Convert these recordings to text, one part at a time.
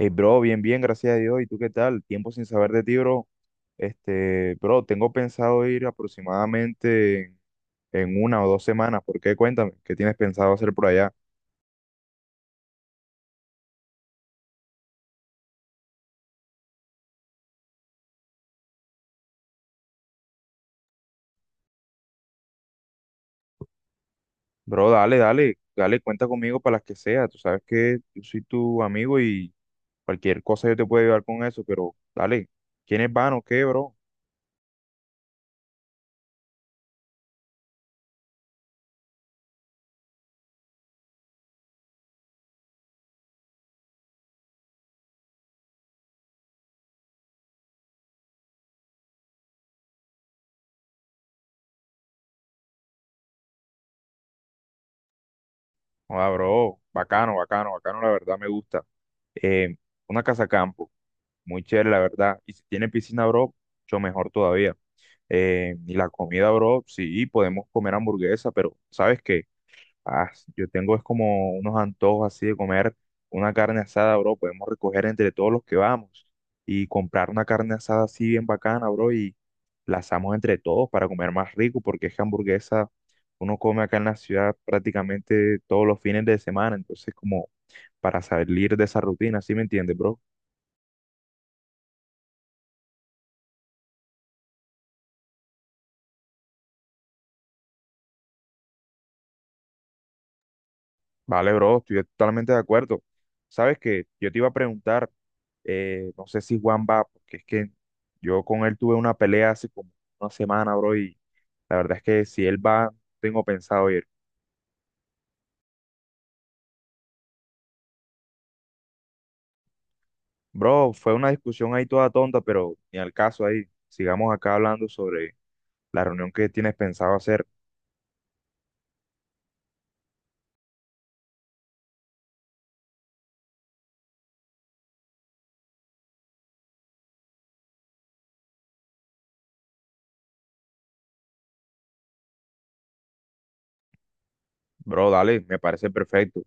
Hey, bro, bien, bien, gracias a Dios. ¿Y tú qué tal? Tiempo sin saber de ti, bro. Bro, tengo pensado ir aproximadamente en una o dos semanas. ¿Por qué? Cuéntame, ¿qué tienes pensado hacer por allá? Bro, dale, dale, dale, cuenta conmigo para las que sea. Tú sabes que yo soy tu amigo y cualquier cosa yo te puedo ayudar con eso, pero dale, ¿quiénes van o qué, bro? Joda, bro, bacano, bacano, bacano, la verdad me gusta. Eh, una casa campo, muy chévere, la verdad. Y si tiene piscina, bro, mucho mejor todavía. Y la comida, bro, sí, podemos comer hamburguesa, pero ¿sabes qué? Ah, yo tengo es como unos antojos así de comer una carne asada, bro. Podemos recoger entre todos los que vamos y comprar una carne asada así bien bacana, bro, y la asamos entre todos para comer más rico, porque es que hamburguesa uno come acá en la ciudad prácticamente todos los fines de semana, entonces como para salir de esa rutina, ¿sí me entiendes, bro? Vale, bro, estoy totalmente de acuerdo. Sabes que yo te iba a preguntar, no sé si Juan va, porque es que yo con él tuve una pelea hace como una semana, bro, y la verdad es que si él va, no tengo pensado ir. Bro, fue una discusión ahí toda tonta, pero ni al caso ahí. Sigamos acá hablando sobre la reunión que tienes pensado hacer. Bro, dale, me parece perfecto.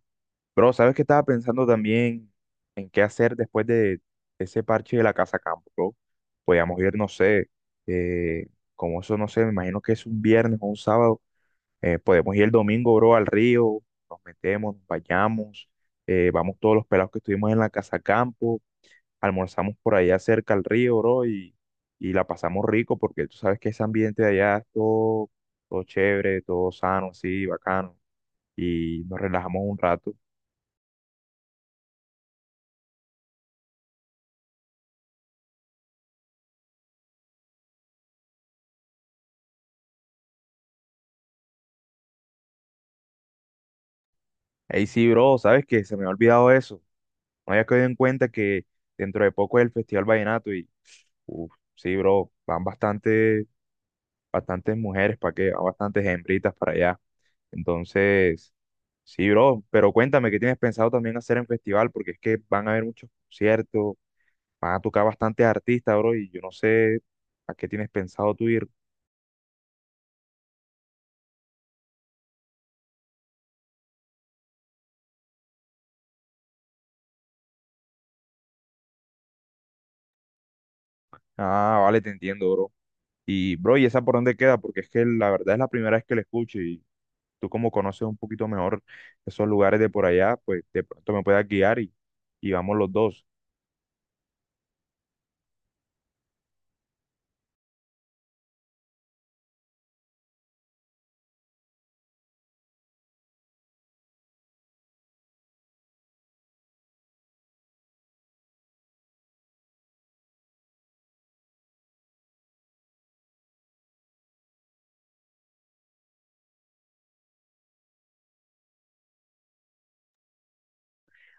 Bro, ¿sabes qué estaba pensando también en qué hacer después de ese parche de la casa campo, bro? Podíamos ir, no sé, eh, como eso, no sé, me imagino que es un viernes o un sábado. Podemos ir el domingo, bro, al río, nos metemos, nos bañamos, vamos todos los pelados que estuvimos en la casa campo, almorzamos por allá cerca al río, bro, y la pasamos rico porque tú sabes que ese ambiente de allá es todo, todo chévere, todo sano, así, bacano, y nos relajamos un rato. Ahí sí, bro, sabes que se me ha olvidado eso. No había caído en cuenta que dentro de poco es el Festival Vallenato y, uff, sí, bro, van bastante, bastantes mujeres para que, van bastantes hembritas para allá. Entonces, sí, bro, pero cuéntame qué tienes pensado también hacer en festival, porque es que van a haber muchos conciertos, van a tocar bastantes artistas, bro, y yo no sé a qué tienes pensado tú ir. Ah, vale, te entiendo, bro. Y, bro, ¿y esa por dónde queda? Porque es que la verdad es la primera vez que la escucho y tú como conoces un poquito mejor esos lugares de por allá, pues de pronto me puedas guiar y vamos los dos.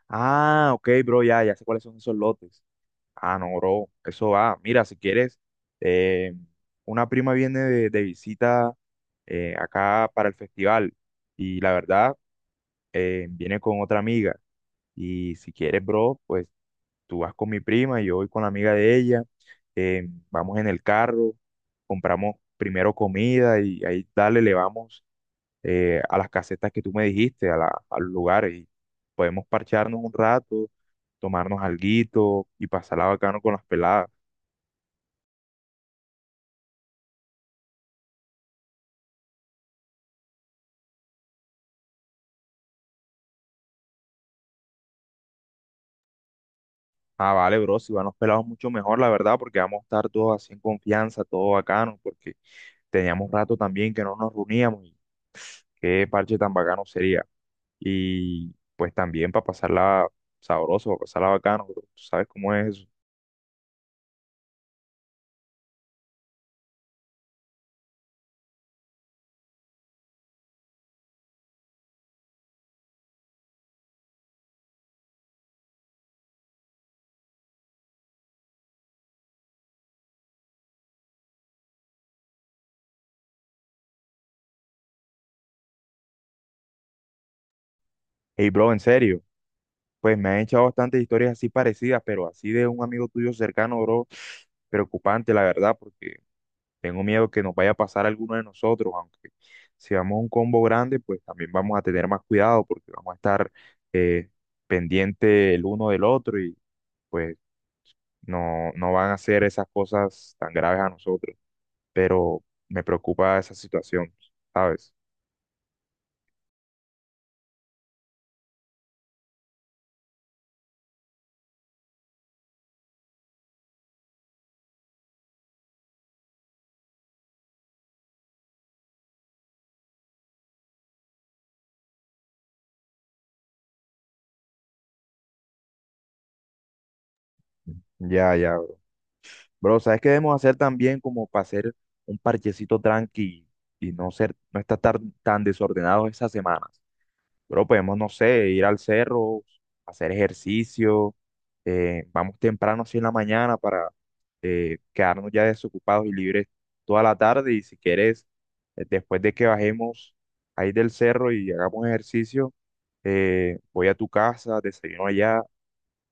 Ah, ok, bro, ya, ya sé cuáles son esos lotes. Ah, no, bro, eso va. Mira, si quieres, eh, una prima viene de visita acá para el festival y la verdad, viene con otra amiga. Y si quieres, bro, pues tú vas con mi prima y yo voy con la amiga de ella. Vamos en el carro, compramos primero comida y ahí dale, le vamos a las casetas que tú me dijiste, al lugar y podemos parcharnos un rato, tomarnos alguito y pasarla bacano con las peladas. Ah, vale, bro, si van los pelados mucho mejor, la verdad, porque vamos a estar todos así en confianza, todo bacano, porque teníamos rato también que no nos reuníamos y qué parche tan bacano sería. Y pues también para pasarla sabroso, para pasarla bacano, bro, tú sabes cómo es eso. Hey, bro, en serio. Pues me han echado bastantes historias así parecidas, pero así de un amigo tuyo cercano, bro, preocupante, la verdad, porque tengo miedo que nos vaya a pasar a alguno de nosotros, aunque si vamos a un combo grande, pues también vamos a tener más cuidado porque vamos a estar eh, pendiente el uno del otro y pues no, no van a hacer esas cosas tan graves a nosotros, pero me preocupa esa situación, ¿sabes? Ya, ya. Bro, ¿sabes qué debemos hacer también como para hacer un parchecito tranqui y no ser, no estar tan, tan desordenados esas semanas? Bro, podemos, no sé, ir al cerro, hacer ejercicio, vamos temprano así en la mañana para quedarnos ya desocupados y libres toda la tarde y si quieres, después de que bajemos ahí del cerro y hagamos ejercicio, voy a tu casa, desayuno allá,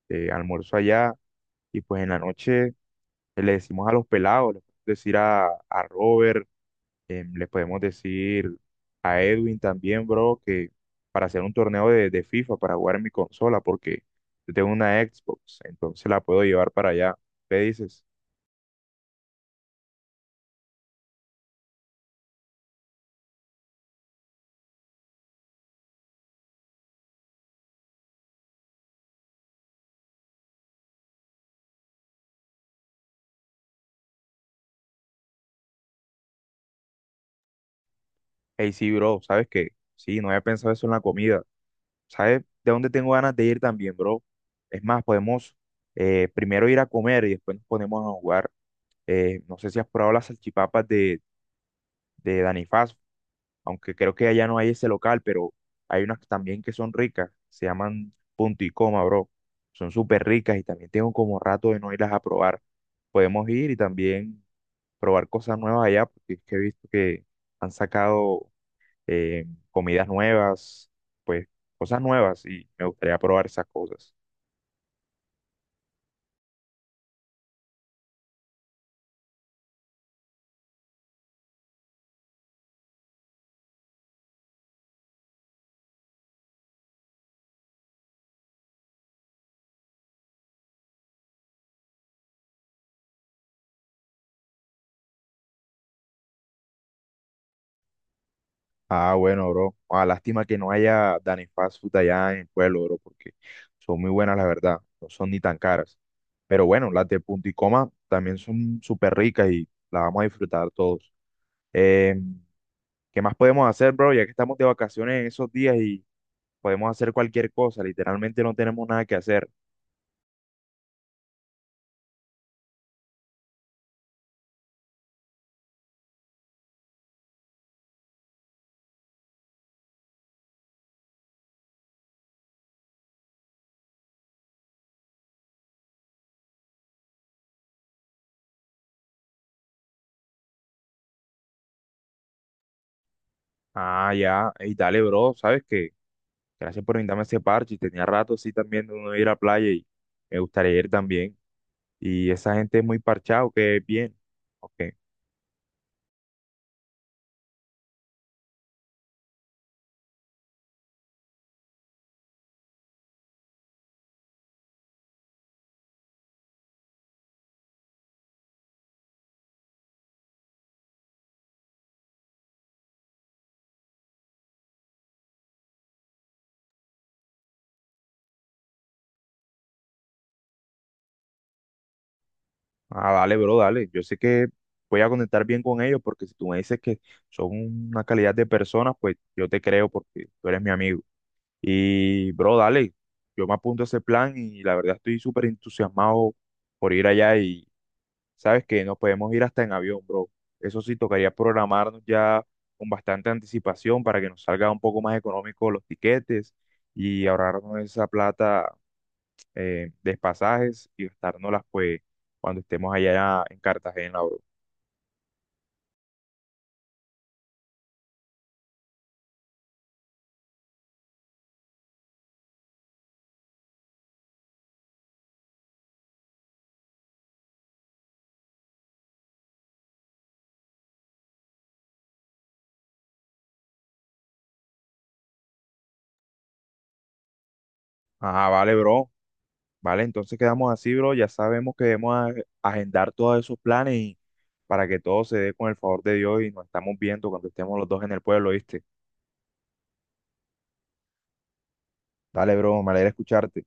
almuerzo allá y pues en la noche le decimos a los pelados, le podemos decir a Robert, le podemos decir a Edwin también, bro, que para hacer un torneo de FIFA, para jugar en mi consola, porque yo tengo una Xbox, entonces la puedo llevar para allá. Le dices, hey, sí, bro, ¿sabes qué? Sí, no había pensado eso en la comida. ¿Sabes de dónde tengo ganas de ir también, bro? Es más, podemos primero ir a comer y después nos ponemos a jugar. No sé si has probado las salchipapas de Danny Fast, aunque creo que allá no hay ese local, pero hay unas también que son ricas, se llaman Punto y Coma, bro. Son súper ricas y también tengo como rato de no irlas a probar. Podemos ir y también probar cosas nuevas allá, porque es que he visto que han sacado eh, comidas nuevas, pues cosas nuevas y me gustaría probar esas cosas. Ah, bueno, bro. Ah, lástima que no haya Dani Fast Food allá en el pueblo, bro, porque son muy buenas, la verdad. No son ni tan caras. Pero bueno, las de Punto y Coma también son súper ricas y las vamos a disfrutar todos. Eh, ¿Qué más podemos hacer, bro? Ya que estamos de vacaciones en esos días y podemos hacer cualquier cosa. Literalmente no tenemos nada que hacer. Ah, ya. Y dale, bro. ¿Sabes qué? Gracias por invitarme a ese parche. Tenía rato, sí, también de uno ir a playa y me gustaría ir también. Y esa gente es muy parchado, que es bien. Ok. Ah, dale, bro, dale. Yo sé que voy a conectar bien con ellos porque si tú me dices que son una calidad de personas, pues yo te creo porque tú eres mi amigo. Y, bro, dale. Yo me apunto a ese plan y la verdad estoy súper entusiasmado por ir allá y sabes que nos podemos ir hasta en avión, bro. Eso sí, tocaría programarnos ya con bastante anticipación para que nos salga un poco más económico los tiquetes y ahorrarnos esa plata despasajes y gastárnoslas pues cuando estemos allá en Cartagena, bro. Ajá, vale, bro. Vale, entonces quedamos así, bro. Ya sabemos que debemos agendar todos esos planes y para que todo se dé con el favor de Dios y nos estamos viendo cuando estemos los dos en el pueblo, ¿viste? Dale, bro, me alegra escucharte.